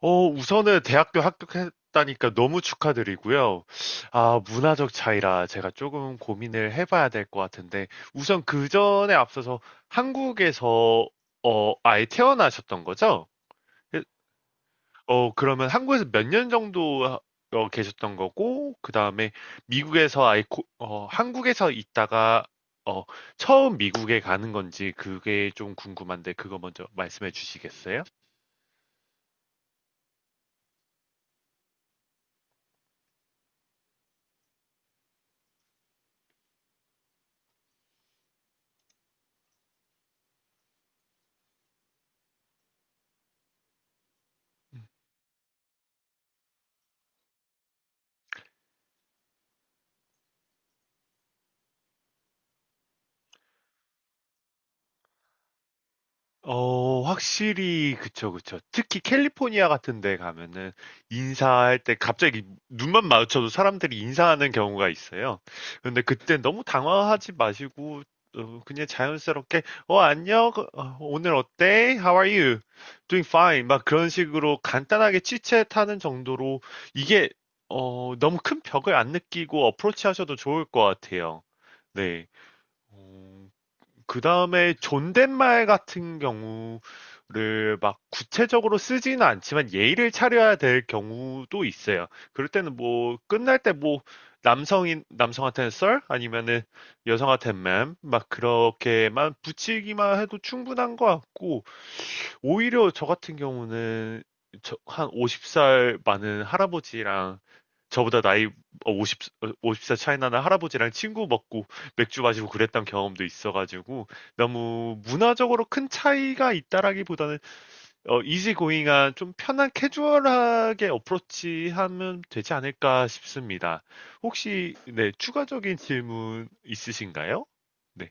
우선은 대학교 합격했다니까 너무 축하드리고요. 아, 문화적 차이라 제가 조금 고민을 해봐야 될 것 같은데, 우선 그 전에 앞서서 한국에서, 아예 태어나셨던 거죠? 그- 그러면 한국에서 몇 년 정도 계셨던 거고, 그 다음에 미국에서 아예, 한국에서 있다가, 어, 처음 미국에 가는 건지 그게 좀 궁금한데, 그거 먼저 말씀해 주시겠어요? 확실히 그쵸, 그쵸. 특히 캘리포니아 같은 데 가면은 인사할 때 갑자기 눈만 마주쳐도 사람들이 인사하는 경우가 있어요. 근데 그때 너무 당황하지 마시고 그냥 자연스럽게 "어 안녕. 어 오늘 어때? How are you? Doing fine." 막 그런 식으로 간단하게 치 h 하는 정도로 이게 너무 큰 벽을 안 느끼고 approach하셔도 좋을 것 같아요. 네. 어. 그 다음에 존댓말 같은 경우를 막 구체적으로 쓰지는 않지만 예의를 차려야 될 경우도 있어요. 그럴 때는 뭐 끝날 때 뭐 남성인 남성한테는 썰 아니면은 여성한테는 맴막 그렇게만 붙이기만 해도 충분한 것 같고 오히려 저 같은 경우는 한 50살 많은 할아버지랑 저보다 나이 어, 50, 어, 50살 차이 나는 할아버지랑 친구 먹고 맥주 마시고 그랬던 경험도 있어가지고 너무 문화적으로 큰 차이가 있다라기보다는 이지고잉한 좀 편한 캐주얼하게 어프로치하면 되지 않을까 싶습니다. 혹시 네, 추가적인 질문 있으신가요? 네.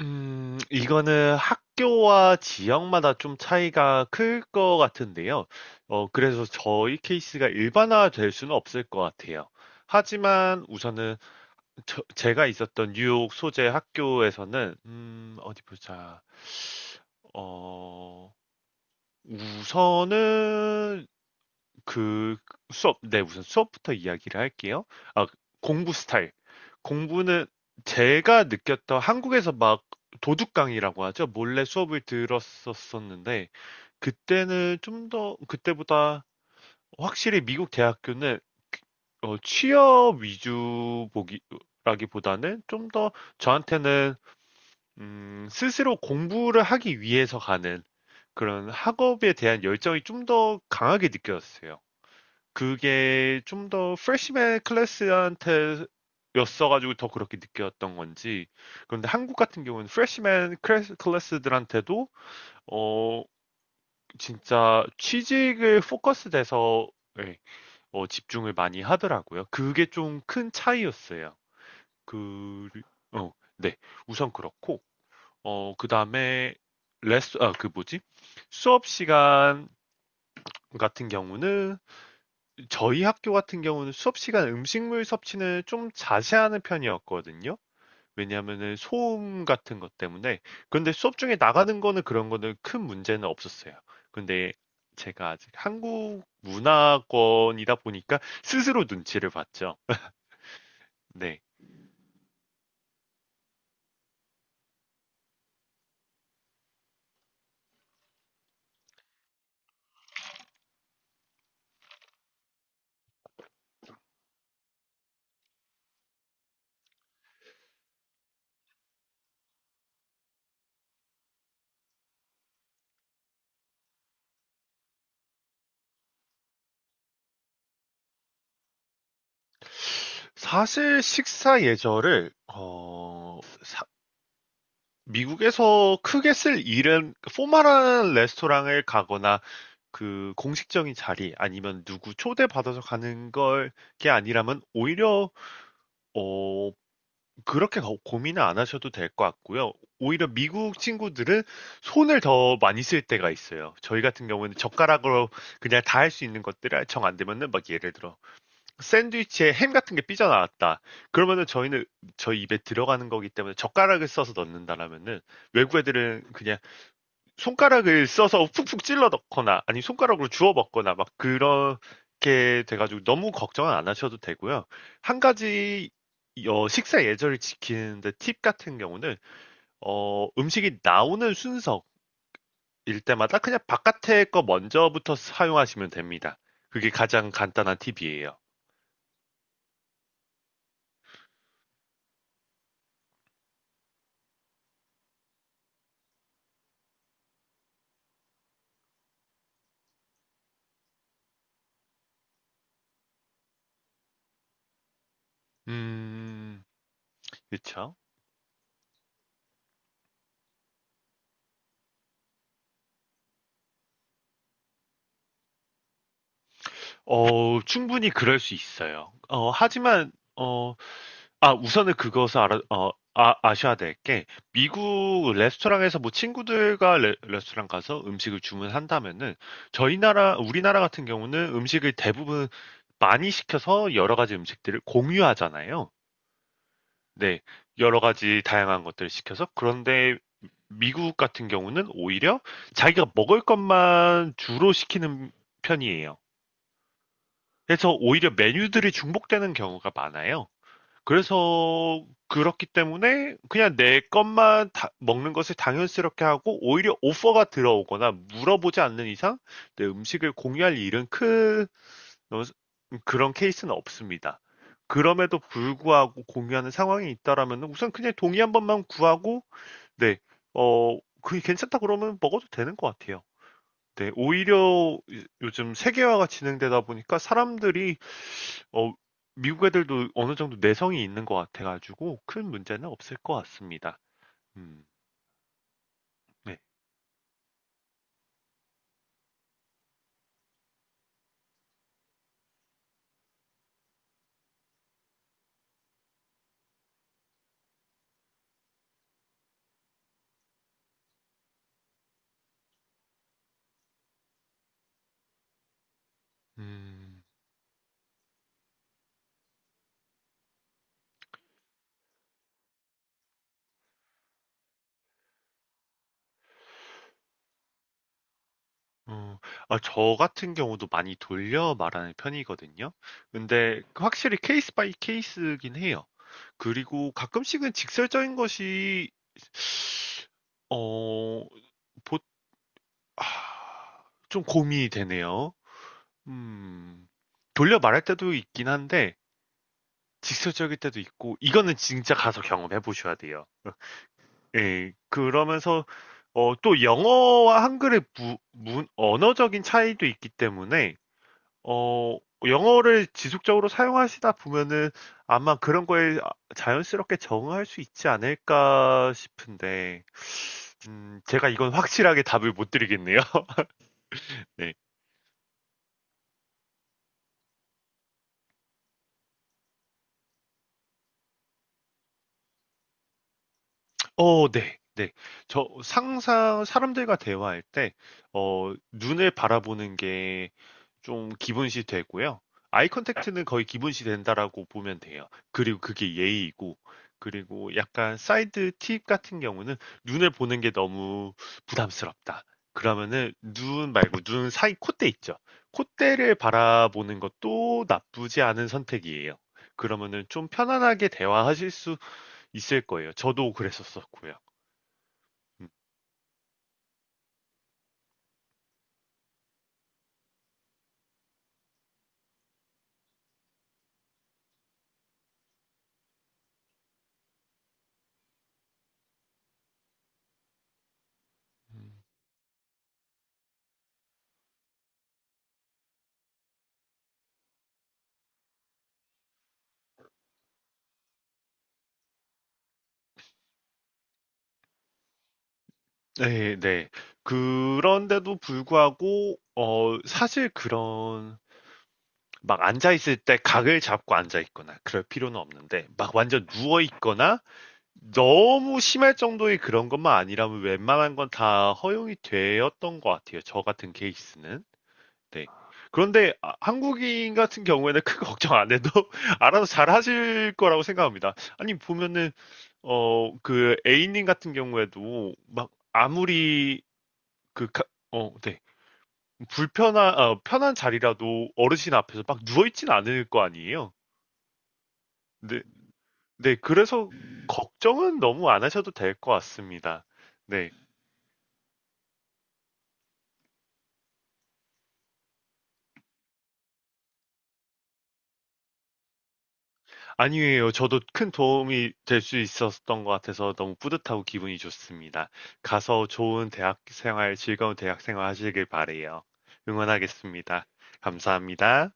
이거는 학교와 지역마다 좀 차이가 클 것 같은데요. 그래서 저희 케이스가 일반화 될 수는 없을 것 같아요. 하지만 우선은 제가 있었던 뉴욕 소재 학교에서는, 어디 보자. 어, 우선은 그 수업 네 우선 수업부터 이야기를 할게요. 아, 공부 스타일. 공부는 제가 느꼈던 한국에서 막 도둑 강의라고 하죠. 몰래 수업을 들었었었는데 그때는 좀 더 그때보다 확실히 미국 대학교는 취업 위주 보기라기보다는 좀 더 저한테는 스스로 공부를 하기 위해서 가는 그런 학업에 대한 열정이 좀 더 강하게 느껴졌어요. 그게 좀 더 프레시맨 클래스한테 였어가지고 더 그렇게 느꼈던 건지 그런데 한국 같은 경우는 프레시맨 클래스, 클래스들한테도 어 진짜 취직을 포커스 돼서 예, 집중을 많이 하더라고요. 그게 좀 큰 차이였어요. 그, 어, 네. 우선 그렇고, 그 다음에, 아, 그 뭐지? 수업 시간 같은 경우는 저희 학교 같은 경우는 수업 시간 음식물 섭취는 좀 자제하는 편이었거든요. 왜냐하면은 소음 같은 것 때문에. 근데 수업 중에 나가는 거는 그런 거는 큰 문제는 없었어요. 근데 제가 아직 한국 문화권이다 보니까 스스로 눈치를 봤죠. 네. 사실 식사 예절을 미국에서 크게 쓸 일은 포멀한 레스토랑을 가거나 그 공식적인 자리 아니면 누구 초대받아서 가는 걸 게 아니라면 오히려 어 그렇게 고민을 안 하셔도 될 것 같고요. 오히려 미국 친구들은 손을 더 많이 쓸 때가 있어요. 저희 같은 경우에는 젓가락으로 그냥 다 할 수 있는 것들을 정 안 되면은 막 예를 들어 샌드위치에 햄 같은 게 삐져나왔다. 그러면은 저희는 저희 입에 들어가는 거기 때문에 젓가락을 써서 넣는다라면은 외국 애들은 그냥 손가락을 써서 푹푹 찔러 넣거나 아니 손가락으로 주워 먹거나 막 그렇게 돼가지고 너무 걱정은 안 하셔도 되고요. 한 가지 식사 예절을 지키는데 팁 같은 경우는 음식이 나오는 순서일 때마다 그냥 바깥에 거 먼저부터 사용하시면 됩니다. 그게 가장 간단한 팁이에요. 음, 그렇죠. 충분히 그럴 수 있어요. 하지만 우선은 그것을 아셔야 될 게, 미국 레스토랑에서 뭐 친구들과 스토랑 가서 음식을 주문한다면은, 우리나라 같은 경우는 음식을 대부분 많이 시켜서 여러 가지 음식들을 공유하잖아요. 네, 여러 가지 다양한 것들을 시켜서. 그런데 미국 같은 경우는 오히려 자기가 먹을 것만 주로 시키는 편이에요. 그래서 오히려 메뉴들이 중복되는 경우가 많아요. 그래서 그렇기 때문에 그냥 내 것만 먹는 것을 당연스럽게 하고 오히려 오퍼가 들어오거나 물어보지 않는 이상 내 음식을 공유할 일은 큰 어, 그런 케이스는 없습니다. 그럼에도 불구하고 공유하는 상황이 있다라면 우선 그냥 동의 한 번만 구하고 네, 그게 괜찮다 그러면 먹어도 되는 것 같아요. 네, 오히려 요즘 세계화가 진행되다 보니까 사람들이 어, 미국 애들도 어느 정도 내성이 있는 것 같아가지고 큰 문제는 없을 것 같습니다. 음, 네. 음, 어, 저 같은 경우도 많이 돌려 말하는 편이거든요. 근데 확실히 케이스 바이 케이스긴 해요. 그리고 가끔씩은 직설적인 것이, 어, 보, 아, 좀 고민이 되네요. 음, 돌려 말할 때도 있긴 한데, 직설적일 때도 있고, 이거는 진짜 가서 경험해 보셔야 돼요. 예, 그러면서 또 영어와 한글의 언어적인 차이도 있기 때문에 어, 영어를 지속적으로 사용하시다 보면은 아마 그런 거에 자연스럽게 적응할 수 있지 않을까 싶은데 제가 이건 확실하게 답을 못 드리겠네요. 네. 네. 네. 저 항상 사람들과 대화할 때 눈을 바라보는 게 좀 기본시 되고요. 아이 컨택트는 거의 기본시 된다라고 보면 돼요. 그리고 그게 예의이고 그리고 약간 사이드 팁 같은 경우는 눈을 보는 게 너무 부담스럽다. 그러면은 눈 말고 눈 사이 콧대 있죠. 콧대를 바라보는 것도 나쁘지 않은 선택이에요. 그러면은 좀 편안하게 대화하실 수 있을 거예요. 저도 그랬었었고요. 음. 네, 네. 그런데도 불구하고, 사실 그런, 막 앉아있을 때 각을 잡고 앉아있거나 그럴 필요는 없는데, 막 완전 누워있거나 너무 심할 정도의 그런 것만 아니라면 웬만한 건 다 허용이 되었던 것 같아요. 저 같은 케이스는. 네. 그런데 아, 한국인 같은 경우에는 크게 걱정 안 해도 알아서 잘 하실 거라고 생각합니다. 아니, 보면은, 그 A님 같은 경우에도 막 아무리 그, 가- 네. 편한 자리라도 어르신 앞에서 막 누워있진 않을 거 아니에요? 네, 네. 그래서 걱정은 너무 안 하셔도 될 것 같습니다. 네. 아니에요. 저도 큰 도움이 될 수 있었던 것 같아서 너무 뿌듯하고 기분이 좋습니다. 가서 좋은 대학 생활, 즐거운 대학 생활 하시길 바래요. 응원하겠습니다. 감사합니다.